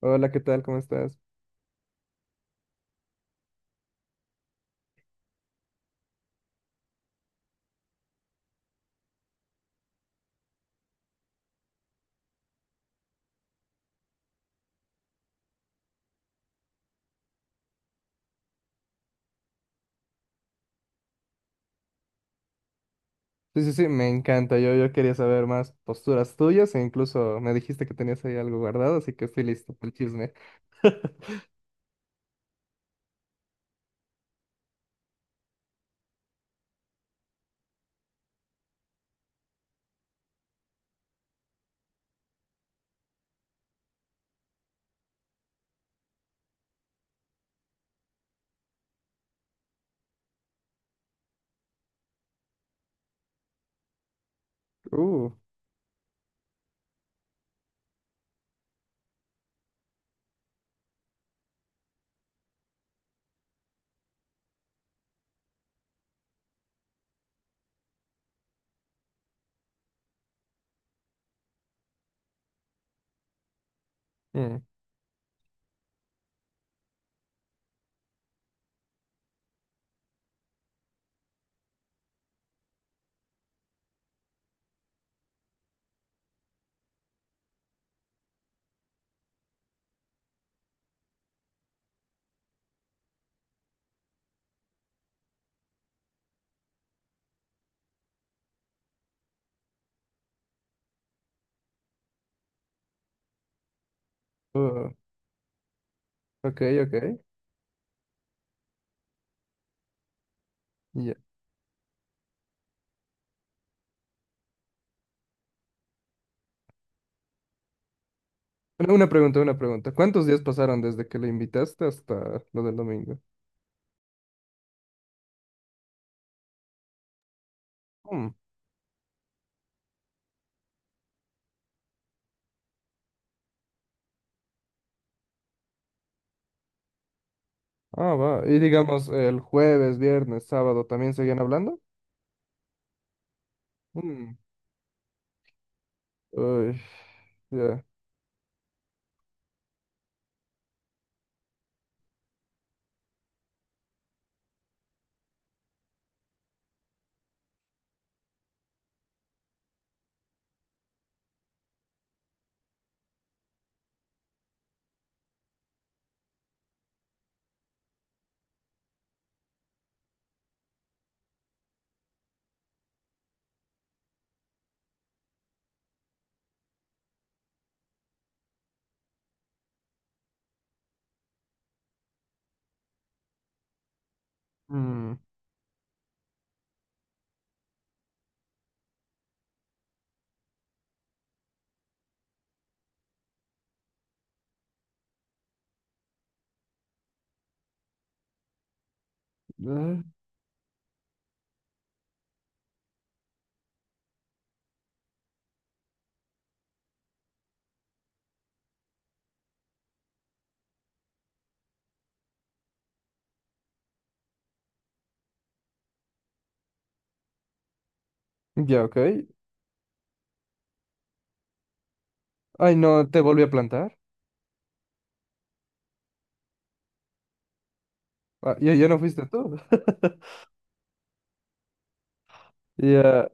Hola, ¿qué tal? ¿Cómo estás? Sí, sí, sí, me encanta. Yo quería saber más posturas tuyas e incluso me dijiste que tenías ahí algo guardado, así que estoy listo para el chisme. Uh, mm, uh, ok, ok. Ya. Una pregunta, una pregunta. ¿Cuántos días pasaron desde que le invitaste hasta lo del domingo? Mm, ah, va. Y digamos, el jueves, viernes, sábado, ¿también seguían hablando? Mm, uy, ya. Mm, ah, ya, ok. Ay, no, ¿te volví a plantar? Ah, ¿ya, ya no fuiste tú? Ya,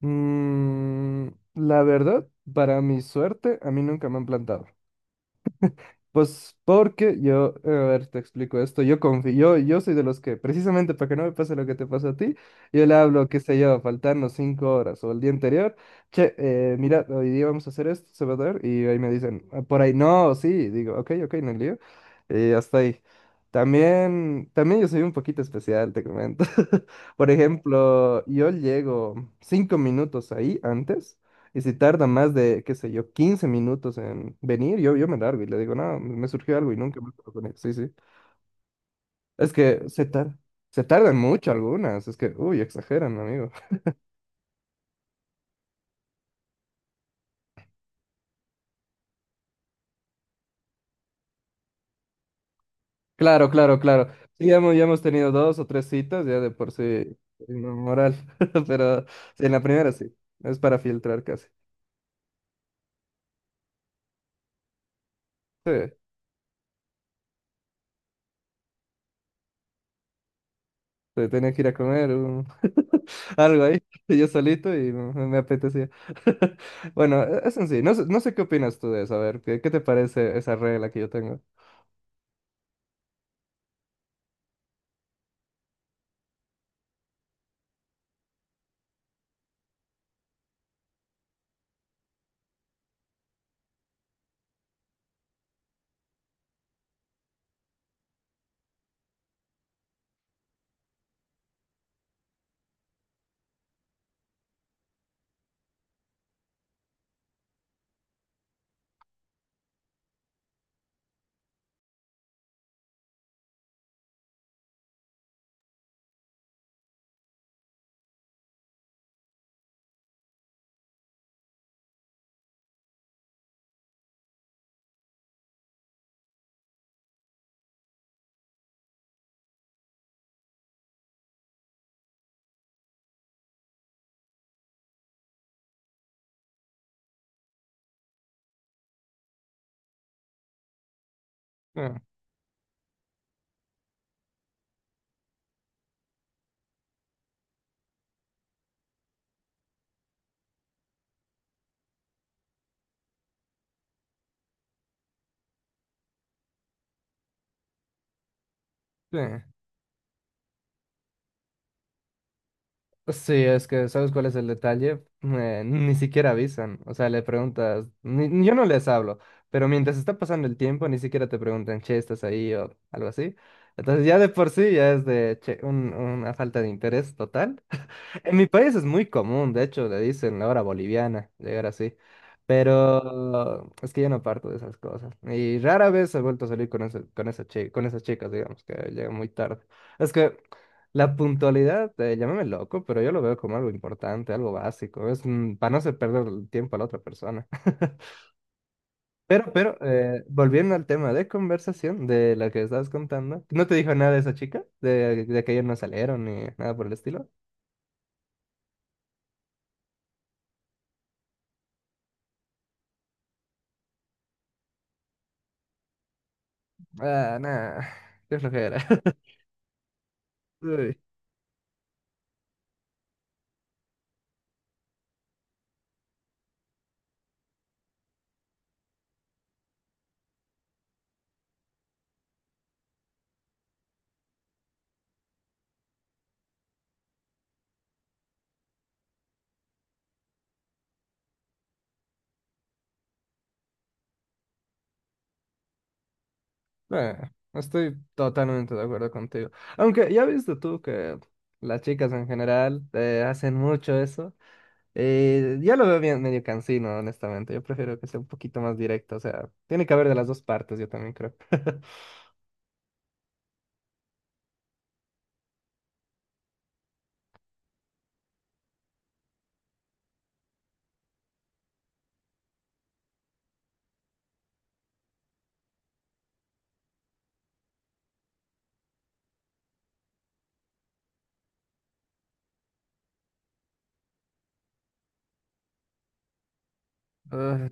mm, la verdad, para mi suerte, a mí nunca me han plantado. Pues porque yo, a ver, te explico esto, yo confío, yo soy de los que, precisamente para que no me pase lo que te pasó a ti, yo le hablo, qué sé yo, faltando 5 horas o el día anterior, che, mira, hoy día vamos a hacer esto, se va a dar, y ahí me dicen, "Ah, por ahí no, sí, digo, ok, ok, no hay lío, y hasta ahí. También, también yo soy un poquito especial, te comento. Por ejemplo, yo llego 5 minutos ahí antes. Y si tarda más de, qué sé yo, 15 minutos en venir, yo me largo y le digo, no, me surgió algo y nunca más hablo con Sí, sí. Es que se tar- Se tardan mucho algunas. Es que, uy, exageran, amigo. Claro, claro, claro. Sí, ya hemos tenido dos o tres citas, ya de por sí, no moral. Pero sí, en la primera sí. Es para filtrar casi. Sí. Entonces tenía que ir a comer algo ahí, yo solito y me apetecía. Bueno, eso en sí, no sé, no sé qué opinas tú de eso, a ver, ¿qué, qué te parece esa regla que yo tengo? Ah, sí. Sí, es que ¿sabes cuál es el detalle? Ni siquiera avisan, o sea, le preguntas, yo no les hablo, pero mientras está pasando el tiempo, ni siquiera te preguntan, che, ¿estás ahí o algo así? Entonces ya de por sí ya es de che, una falta de interés total. En mi país es muy común, de hecho, le dicen la hora boliviana, llegar así. Pero es que yo no parto de esas cosas. Y rara vez he vuelto a salir con con esas chicas, digamos, que llegan muy tarde. Es que la puntualidad, llámame loco, pero yo lo veo como algo importante, algo básico. Es mm, para no hacer perder el tiempo a la otra persona. Pero, volviendo al tema de conversación de la que estabas contando, ¿no te dijo nada de esa chica? De que ellos no salieron ni nada por el estilo. Ah, nah, qué flojera. Uy, nah, estoy totalmente de acuerdo contigo. Aunque ya viste tú que las chicas en general hacen mucho eso. Ya lo veo bien medio cansino, honestamente. Yo prefiero que sea un poquito más directo. O sea, tiene que haber de las dos partes, yo también creo. Ah,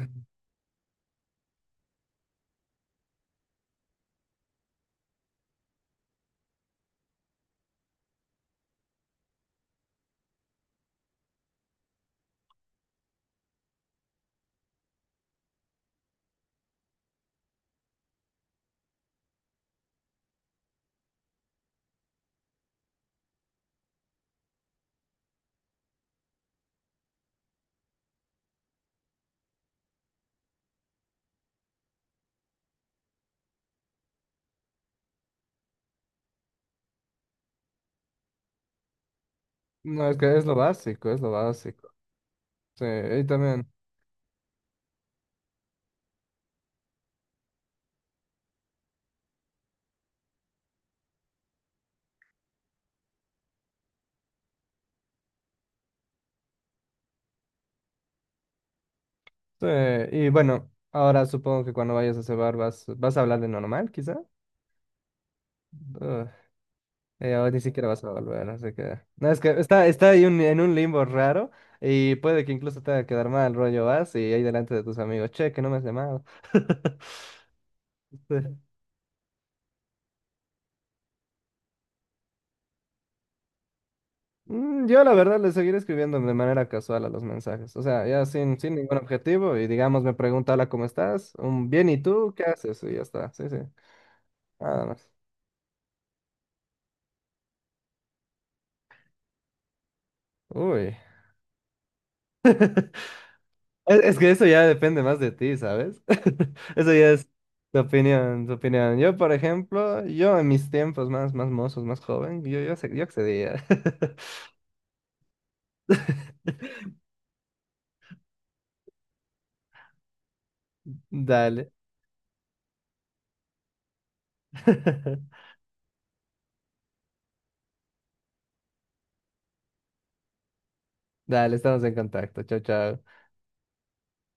no, es que es lo básico, es lo básico. Sí, y también. Sí, y bueno, ahora supongo que cuando vayas a ese bar vas, vas a hablar de normal, quizá. Ah, y ahora ni siquiera vas a volver, ¿no? Así que... No, es que está, está ahí en un limbo raro y puede que incluso te haga quedar mal, rollo vas y ahí delante de tus amigos, che, que no me has llamado. Sí. Mm, yo la verdad le seguiré escribiendo de manera casual a los mensajes, o sea, ya sin ningún objetivo y digamos me pregunta, hola, ¿cómo estás? Un bien, ¿y tú? ¿Qué haces? Y ya está, sí, sí, nada más. Uy. Es que eso ya depende más de ti, ¿sabes? Eso ya es tu opinión, tu opinión. Yo, por ejemplo, yo en mis tiempos más, más mozos, más joven, yo accedía. Dale. Dale, estamos en contacto. Chao, chao.